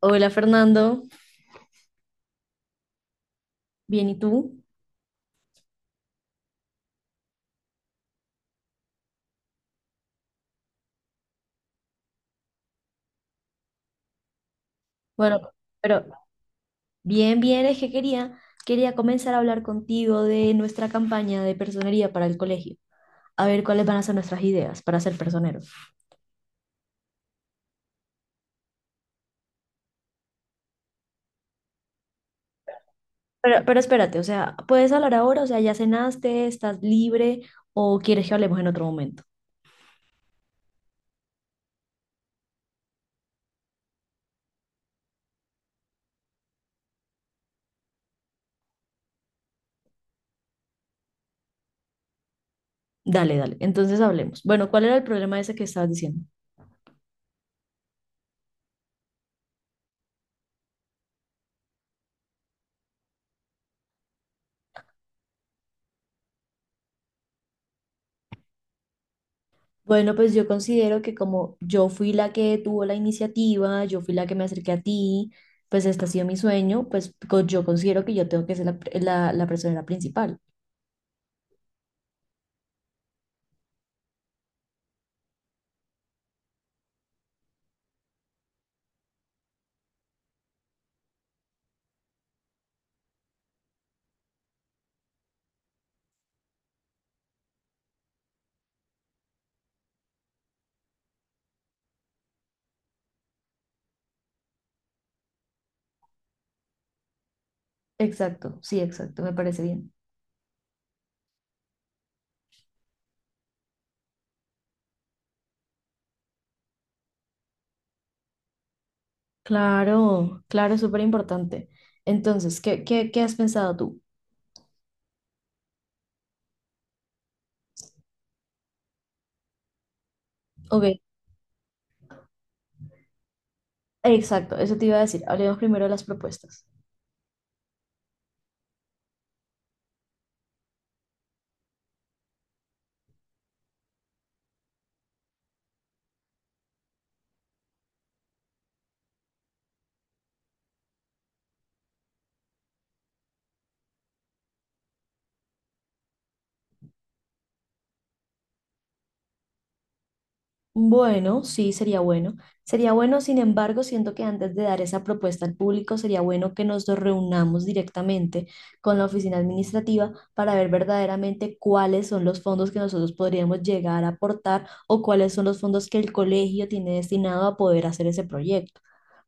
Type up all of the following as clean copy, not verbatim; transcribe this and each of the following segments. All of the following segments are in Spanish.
Hola Fernando, bien, ¿y tú? Bueno, pero bien, bien, es que quería comenzar a hablar contigo de nuestra campaña de personería para el colegio, a ver cuáles van a ser nuestras ideas para ser personeros. Pero espérate, o sea, ¿puedes hablar ahora? O sea, ¿ya cenaste? ¿Estás libre? ¿O quieres que hablemos en otro momento? Dale, dale, entonces hablemos. Bueno, ¿cuál era el problema ese que estabas diciendo? Bueno, pues yo considero que como yo fui la que tuvo la iniciativa, yo fui la que me acerqué a ti, pues este ha sido mi sueño, yo considero que yo tengo que ser la persona principal. Exacto, sí, exacto, me parece bien. Claro, claro, es súper importante. Entonces, ¿qué has pensado tú? Ok, exacto, eso te iba a decir. Hablemos primero de las propuestas. Bueno, sí, sería bueno. Sería bueno, sin embargo, siento que antes de dar esa propuesta al público, sería bueno que nos reunamos directamente con la oficina administrativa para ver verdaderamente cuáles son los fondos que nosotros podríamos llegar a aportar o cuáles son los fondos que el colegio tiene destinado a poder hacer ese proyecto.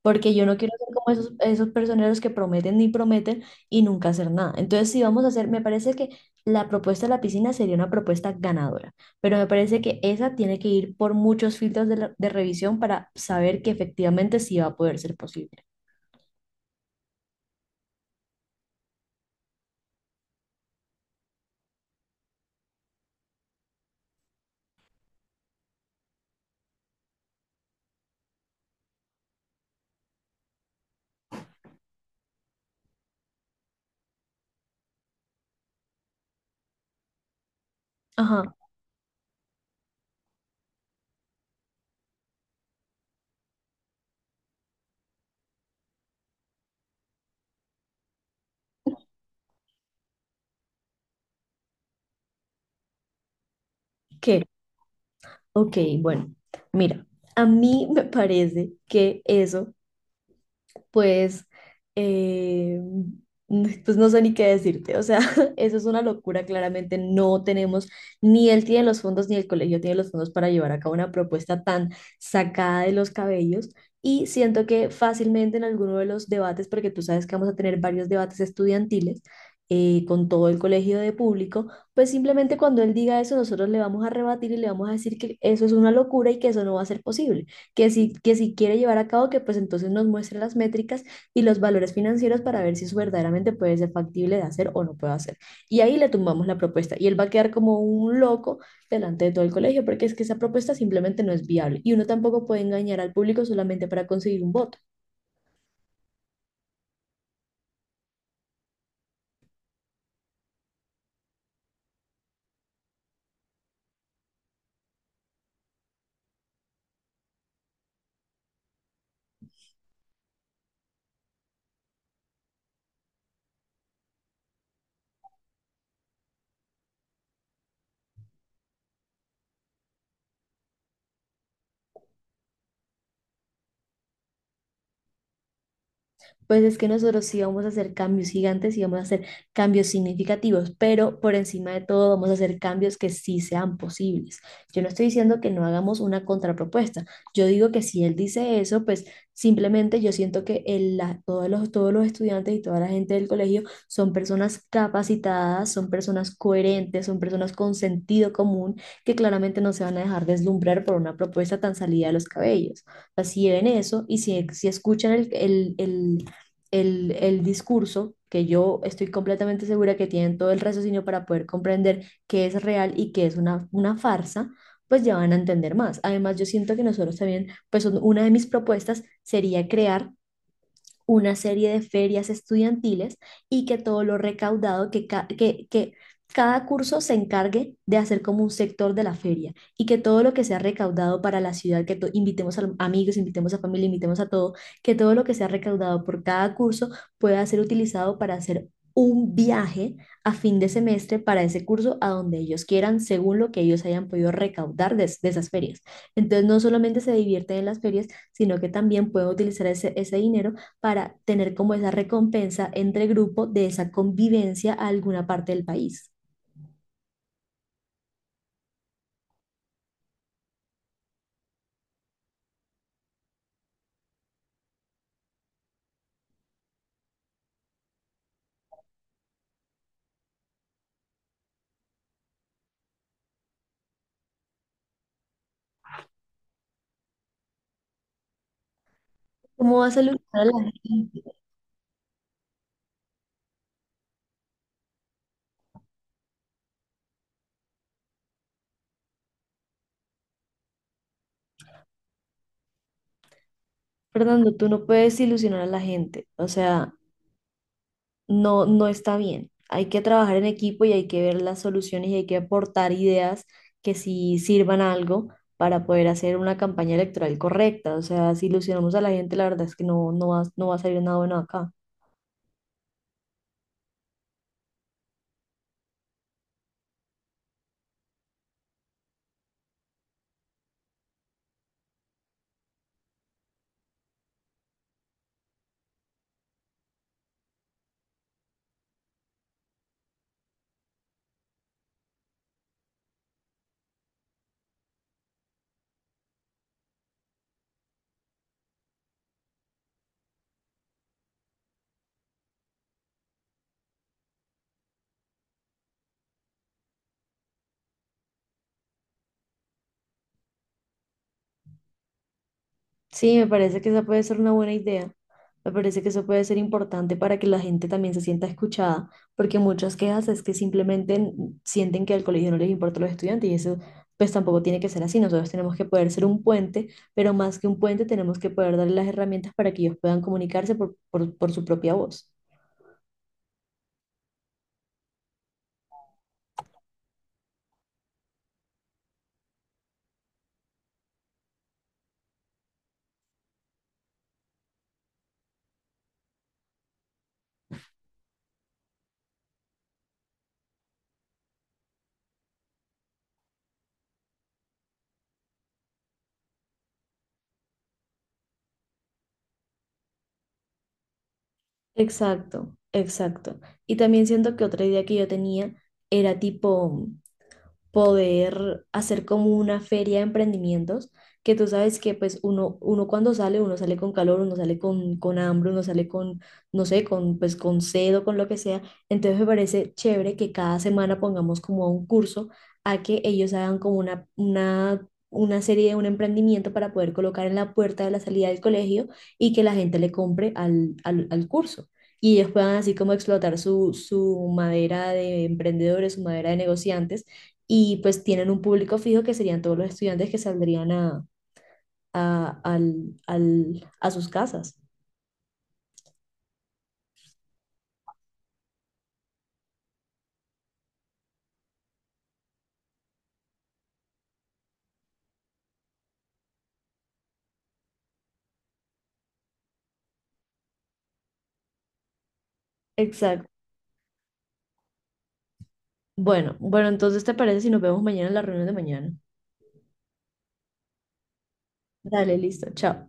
Porque yo no quiero ser como esos personeros que prometen ni prometen y nunca hacer nada. Entonces, si vamos a hacer, me parece que la propuesta de la piscina sería una propuesta ganadora, pero me parece que esa tiene que ir por muchos filtros de revisión para saber que efectivamente sí va a poder ser posible. Ajá, ¿qué? Ok, bueno, mira, a mí me parece que eso pues, eh, pues no sé ni qué decirte. O sea, eso es una locura. Claramente no tenemos, ni él tiene los fondos, ni el colegio tiene los fondos para llevar a cabo una propuesta tan sacada de los cabellos. Y siento que fácilmente en alguno de los debates, porque tú sabes que vamos a tener varios debates estudiantiles con todo el colegio de público, pues simplemente cuando él diga eso, nosotros le vamos a rebatir y le vamos a decir que eso es una locura y que eso no va a ser posible, que si quiere llevar a cabo, que pues entonces nos muestre las métricas y los valores financieros para ver si eso verdaderamente puede ser factible de hacer o no puede hacer. Y ahí le tumbamos la propuesta y él va a quedar como un loco delante de todo el colegio, porque es que esa propuesta simplemente no es viable y uno tampoco puede engañar al público solamente para conseguir un voto. Pues es que nosotros sí vamos a hacer cambios gigantes y vamos a hacer cambios significativos, pero por encima de todo vamos a hacer cambios que sí sean posibles. Yo no estoy diciendo que no hagamos una contrapropuesta. Yo digo que si él dice eso, pues simplemente yo siento que todos los estudiantes y toda la gente del colegio son personas capacitadas, son personas coherentes, son personas con sentido común que claramente no se van a dejar deslumbrar por una propuesta tan salida de los cabellos. Así sea, si ven eso y si escuchan el discurso, que yo estoy completamente segura que tienen todo el raciocinio para poder comprender qué es real y qué es una farsa, pues ya van a entender más. Además, yo siento que nosotros también, una de mis propuestas sería crear una serie de ferias estudiantiles y que todo lo recaudado, que cada curso se encargue de hacer como un sector de la feria y que todo lo que sea recaudado para la ciudad, invitemos a amigos, invitemos a familia, invitemos a todo, que todo lo que sea recaudado por cada curso pueda ser utilizado para hacer un viaje a fin de semestre para ese curso a donde ellos quieran, según lo que ellos hayan podido recaudar de esas ferias. Entonces, no solamente se divierten en las ferias, sino que también pueden utilizar ese dinero para tener como esa recompensa entre grupo de esa convivencia a alguna parte del país. ¿Cómo vas a ilusionar a la gente? Fernando, tú no puedes ilusionar a la gente. O sea, no, no está bien. Hay que trabajar en equipo y hay que ver las soluciones y hay que aportar ideas que sí sirvan a algo para poder hacer una campaña electoral correcta. O sea, si ilusionamos a la gente, la verdad es que no, no va a salir nada bueno acá. Sí, me parece que esa puede ser una buena idea. Me parece que eso puede ser importante para que la gente también se sienta escuchada, porque muchas quejas es que sienten que al colegio no les importa los estudiantes y eso pues tampoco tiene que ser así. Nosotros tenemos que poder ser un puente, pero más que un puente tenemos que poder darle las herramientas para que ellos puedan comunicarse por su propia voz. Exacto, exacto. Y también siento que otra idea que yo tenía era tipo poder hacer como una feria de emprendimientos, que tú sabes que pues uno cuando sale, uno sale con calor, uno sale con hambre, uno sale con, no sé, con pues con sed o con lo que sea. Entonces me parece chévere que cada semana pongamos como un curso a que ellos hagan como una serie de un emprendimiento para poder colocar en la puerta de la salida del colegio y que la gente le compre al curso. Y ellos puedan así como explotar su madera de emprendedores, su madera de negociantes y pues tienen un público fijo que serían todos los estudiantes que saldrían a sus casas. Exacto. Bueno, bueno, entonces, ¿te parece si nos vemos mañana en la reunión de mañana? Dale, listo, chao.